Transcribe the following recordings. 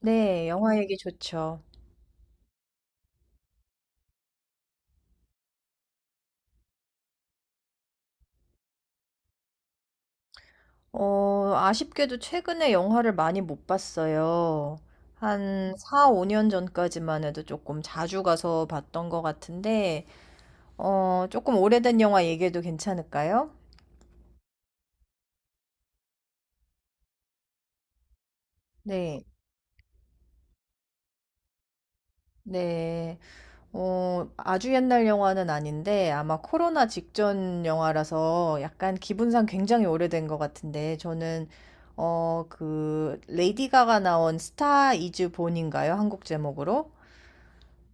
네, 영화 얘기 좋죠. 아쉽게도 최근에 영화를 많이 못 봤어요. 한 4, 5년 전까지만 해도 조금 자주 가서 봤던 것 같은데, 조금 오래된 영화 얘기해도 괜찮을까요? 네, 네. 아주 옛날 영화는 아닌데, 아마 코로나 직전 영화라서 약간 기분상 굉장히 오래된 것 같은데, 저는, 그, 레이디 가가 나온 스타 이즈 본인가요? 한국 제목으로?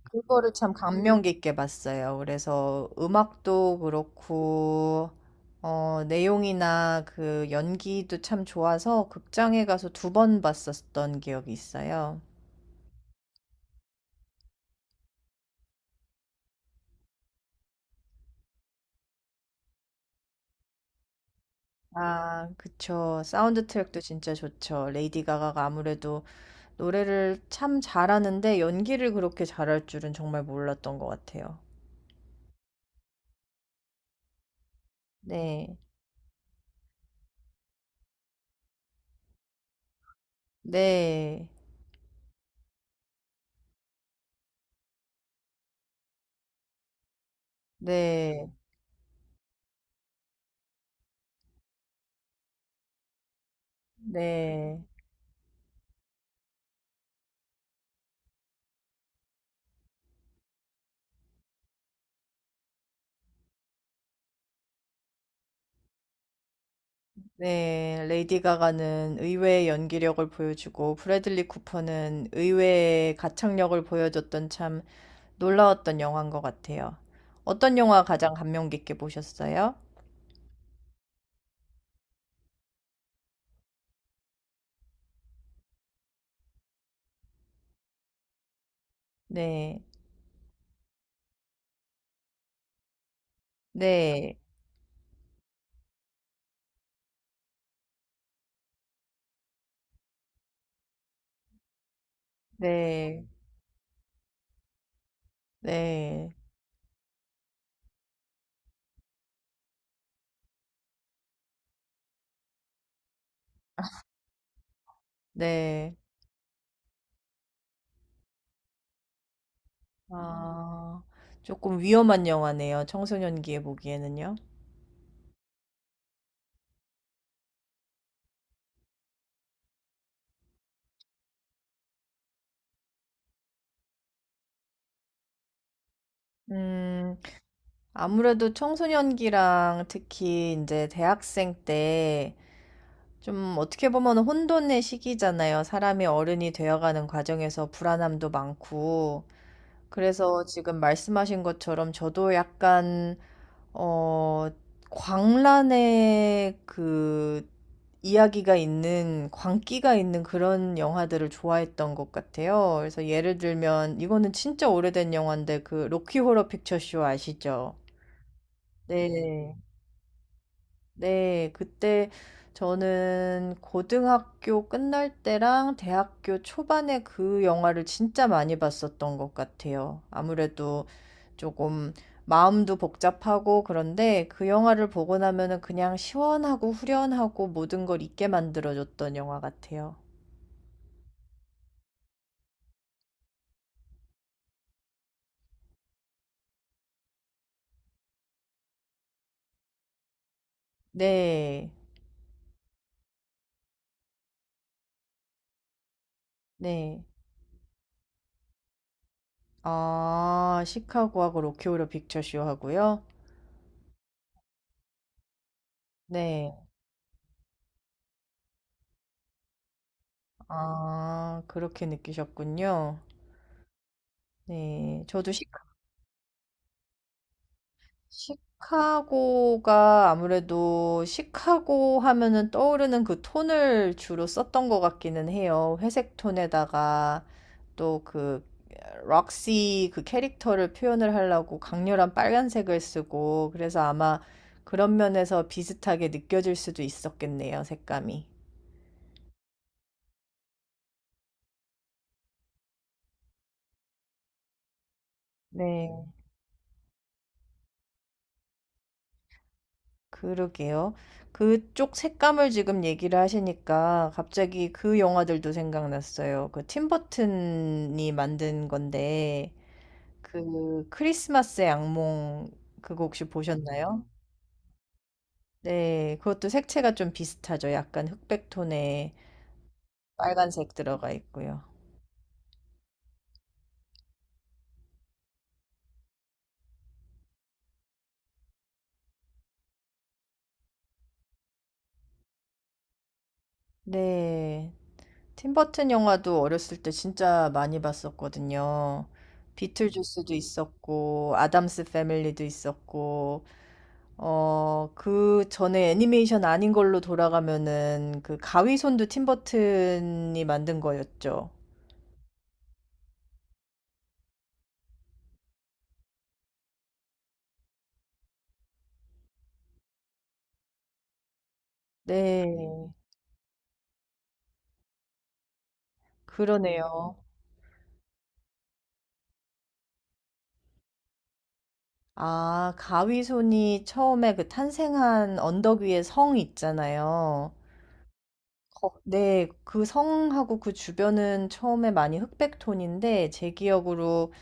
그거를 참 감명 깊게 봤어요. 그래서 음악도 그렇고, 내용이나 그 연기도 참 좋아서 극장에 가서 두 번 봤었던 기억이 있어요. 아, 그쵸. 사운드 트랙도 진짜 좋죠. 레이디 가가가 아무래도 노래를 참 잘하는데 연기를 그렇게 잘할 줄은 정말 몰랐던 것 같아요. 네. 네. 네. 네. 네. 레이디 가가는 의외의 연기력을 보여주고 브래들리 쿠퍼는 의외의 가창력을 보여줬던 참 놀라웠던 영화인 것 같아요. 어떤 영화 가장 감명 깊게 보셨어요? 네. 네. 네. 네. 네. 아, 조금 위험한 영화네요. 청소년기에 보기에는요. 음. 아무래도 청소년기랑 특히 이제 대학생 때 좀 어떻게 보면 혼돈의 시기잖아요. 사람이 어른이 되어가는 과정에서 불안함도 많고. 그래서 지금 말씀하신 것처럼 저도 약간, 어, 광란의 그 이야기가 있는, 광기가 있는 그런 영화들을 좋아했던 것 같아요. 그래서 예를 들면, 이거는 진짜 오래된 영화인데, 그 로키 호러 픽처쇼 아시죠? 네. 네, 그때 저는 고등학교 끝날 때랑 대학교 초반에 그 영화를 진짜 많이 봤었던 것 같아요. 아무래도 조금 마음도 복잡하고 그런데 그 영화를 보고 나면은 그냥 시원하고 후련하고 모든 걸 잊게 만들어줬던 영화 같아요. 네, 네. 아, 시카고하고 로키 호러 픽처쇼 하고요. 네. 아, 그렇게 느끼셨군요. 네. 저도 시 시카고가 아무래도 시카고 하면은 떠오르는 그 톤을 주로 썼던 것 같기는 해요. 회색 톤에다가 또 그 록시 그 캐릭터를 표현을 하려고 강렬한 빨간색을 쓰고 그래서 아마 그런 면에서 비슷하게 느껴질 수도 있었겠네요, 색감이. 네. 그러게요. 그쪽 색감을 지금 얘기를 하시니까 갑자기 그 영화들도 생각났어요. 그 팀버튼이 만든 건데 그 크리스마스의 악몽 그거 혹시 보셨나요? 음. 네, 그것도 색채가 좀 비슷하죠. 약간 흑백 톤에 빨간색 들어가 있고요. 네, 팀버튼 영화도 어렸을 때 진짜 많이 봤었거든요. 비틀주스도 있었고 아담스 패밀리도 있었고 그 전에 애니메이션 아닌 걸로 돌아가면은 그 가위손도 팀버튼이 만든 거였죠. 네, 그러네요. 아, 가위손이 처음에 그 탄생한 언덕 위에 성 있잖아요. 네, 그 성하고 그 주변은 처음에 많이 흑백톤인데 제 기억으로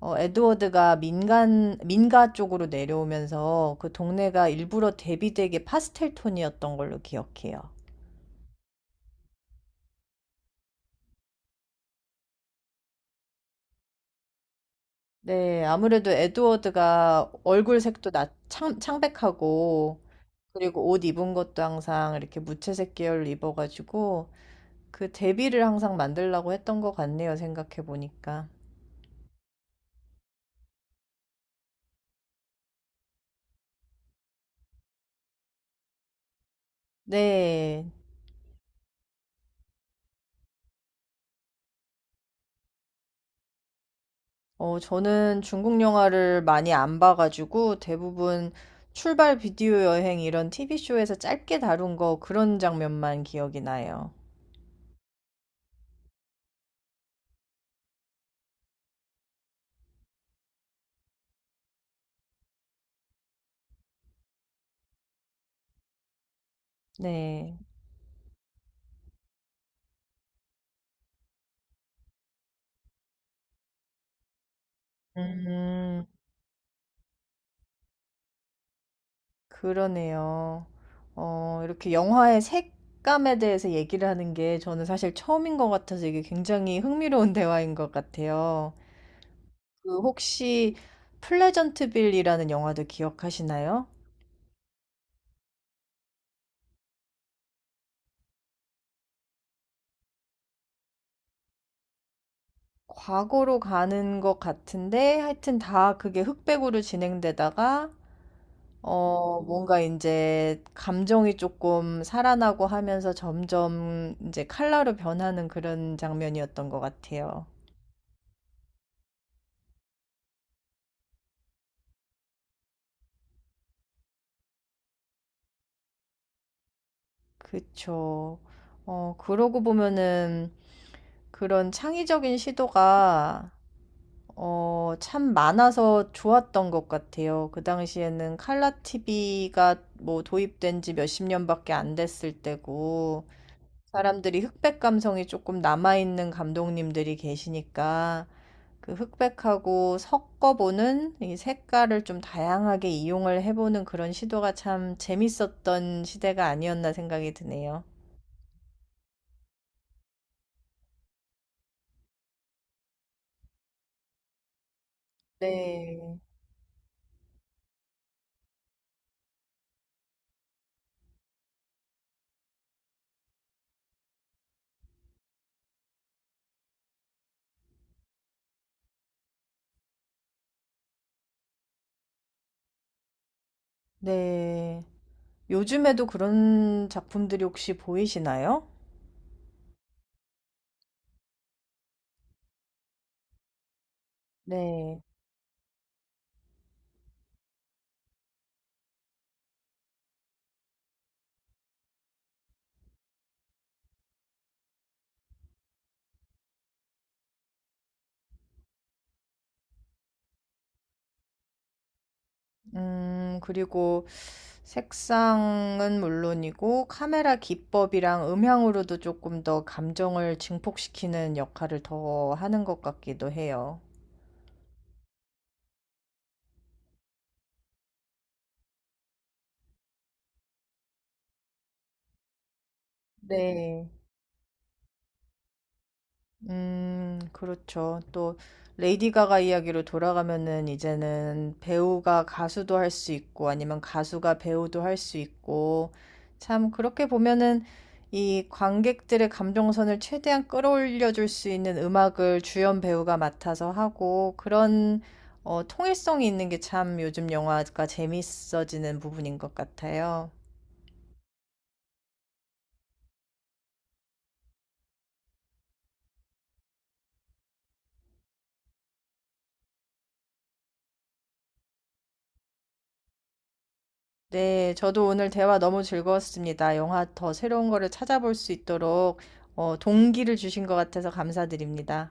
에드워드가 민간 민가 쪽으로 내려오면서 그 동네가 일부러 대비되게 파스텔 톤이었던 걸로 기억해요. 네, 아무래도 에드워드가 얼굴 색도 창백하고, 그리고 옷 입은 것도 항상 이렇게 무채색 계열로 입어가지고, 그 대비를 항상 만들려고 했던 것 같네요, 생각해보니까. 네, 저는 중국 영화를 많이 안 봐가지고, 대부분 출발 비디오 여행 이런 TV쇼에서 짧게 다룬 거 그런 장면만 기억이 나요. 네. 음. 그러네요. 이렇게 영화의 색감에 대해서 얘기를 하는 게 저는 사실 처음인 것 같아서 이게 굉장히 흥미로운 대화인 것 같아요. 그 혹시 플레전트빌이라는 영화도 기억하시나요? 과거로 가는 것 같은데 하여튼 다 그게 흑백으로 진행되다가 뭔가 이제 감정이 조금 살아나고 하면서 점점 이제 칼라로 변하는 그런 장면이었던 것 같아요. 그쵸. 그러고 보면은 그런 창의적인 시도가 참 많아서 좋았던 것 같아요. 그 당시에는 칼라 TV가 뭐 도입된 지 몇 십 년밖에 안 됐을 때고, 사람들이 흑백 감성이 조금 남아있는 감독님들이 계시니까, 그 흑백하고 섞어보는 이 색깔을 좀 다양하게 이용을 해보는 그런 시도가 참 재밌었던 시대가 아니었나 생각이 드네요. 네. 네. 요즘에도 그런 작품들이 혹시 보이시나요? 네. 그리고 색상은 물론이고 카메라 기법이랑 음향으로도 조금 더 감정을 증폭시키는 역할을 더 하는 것 같기도 해요. 네. 그렇죠. 또 레이디 가가 이야기로 돌아가면은 이제는 배우가 가수도 할 수 있고 아니면 가수가 배우도 할 수 있고 참 그렇게 보면은 이 관객들의 감정선을 최대한 끌어올려 줄 수 있는 음악을 주연 배우가 맡아서 하고 그런 통일성이 있는 게 참 요즘 영화가 재밌어지는 부분인 것 같아요. 네, 저도 오늘 대화 너무 즐거웠습니다. 영화 더 새로운 거를 찾아볼 수 있도록 동기를 주신 것 같아서 감사드립니다.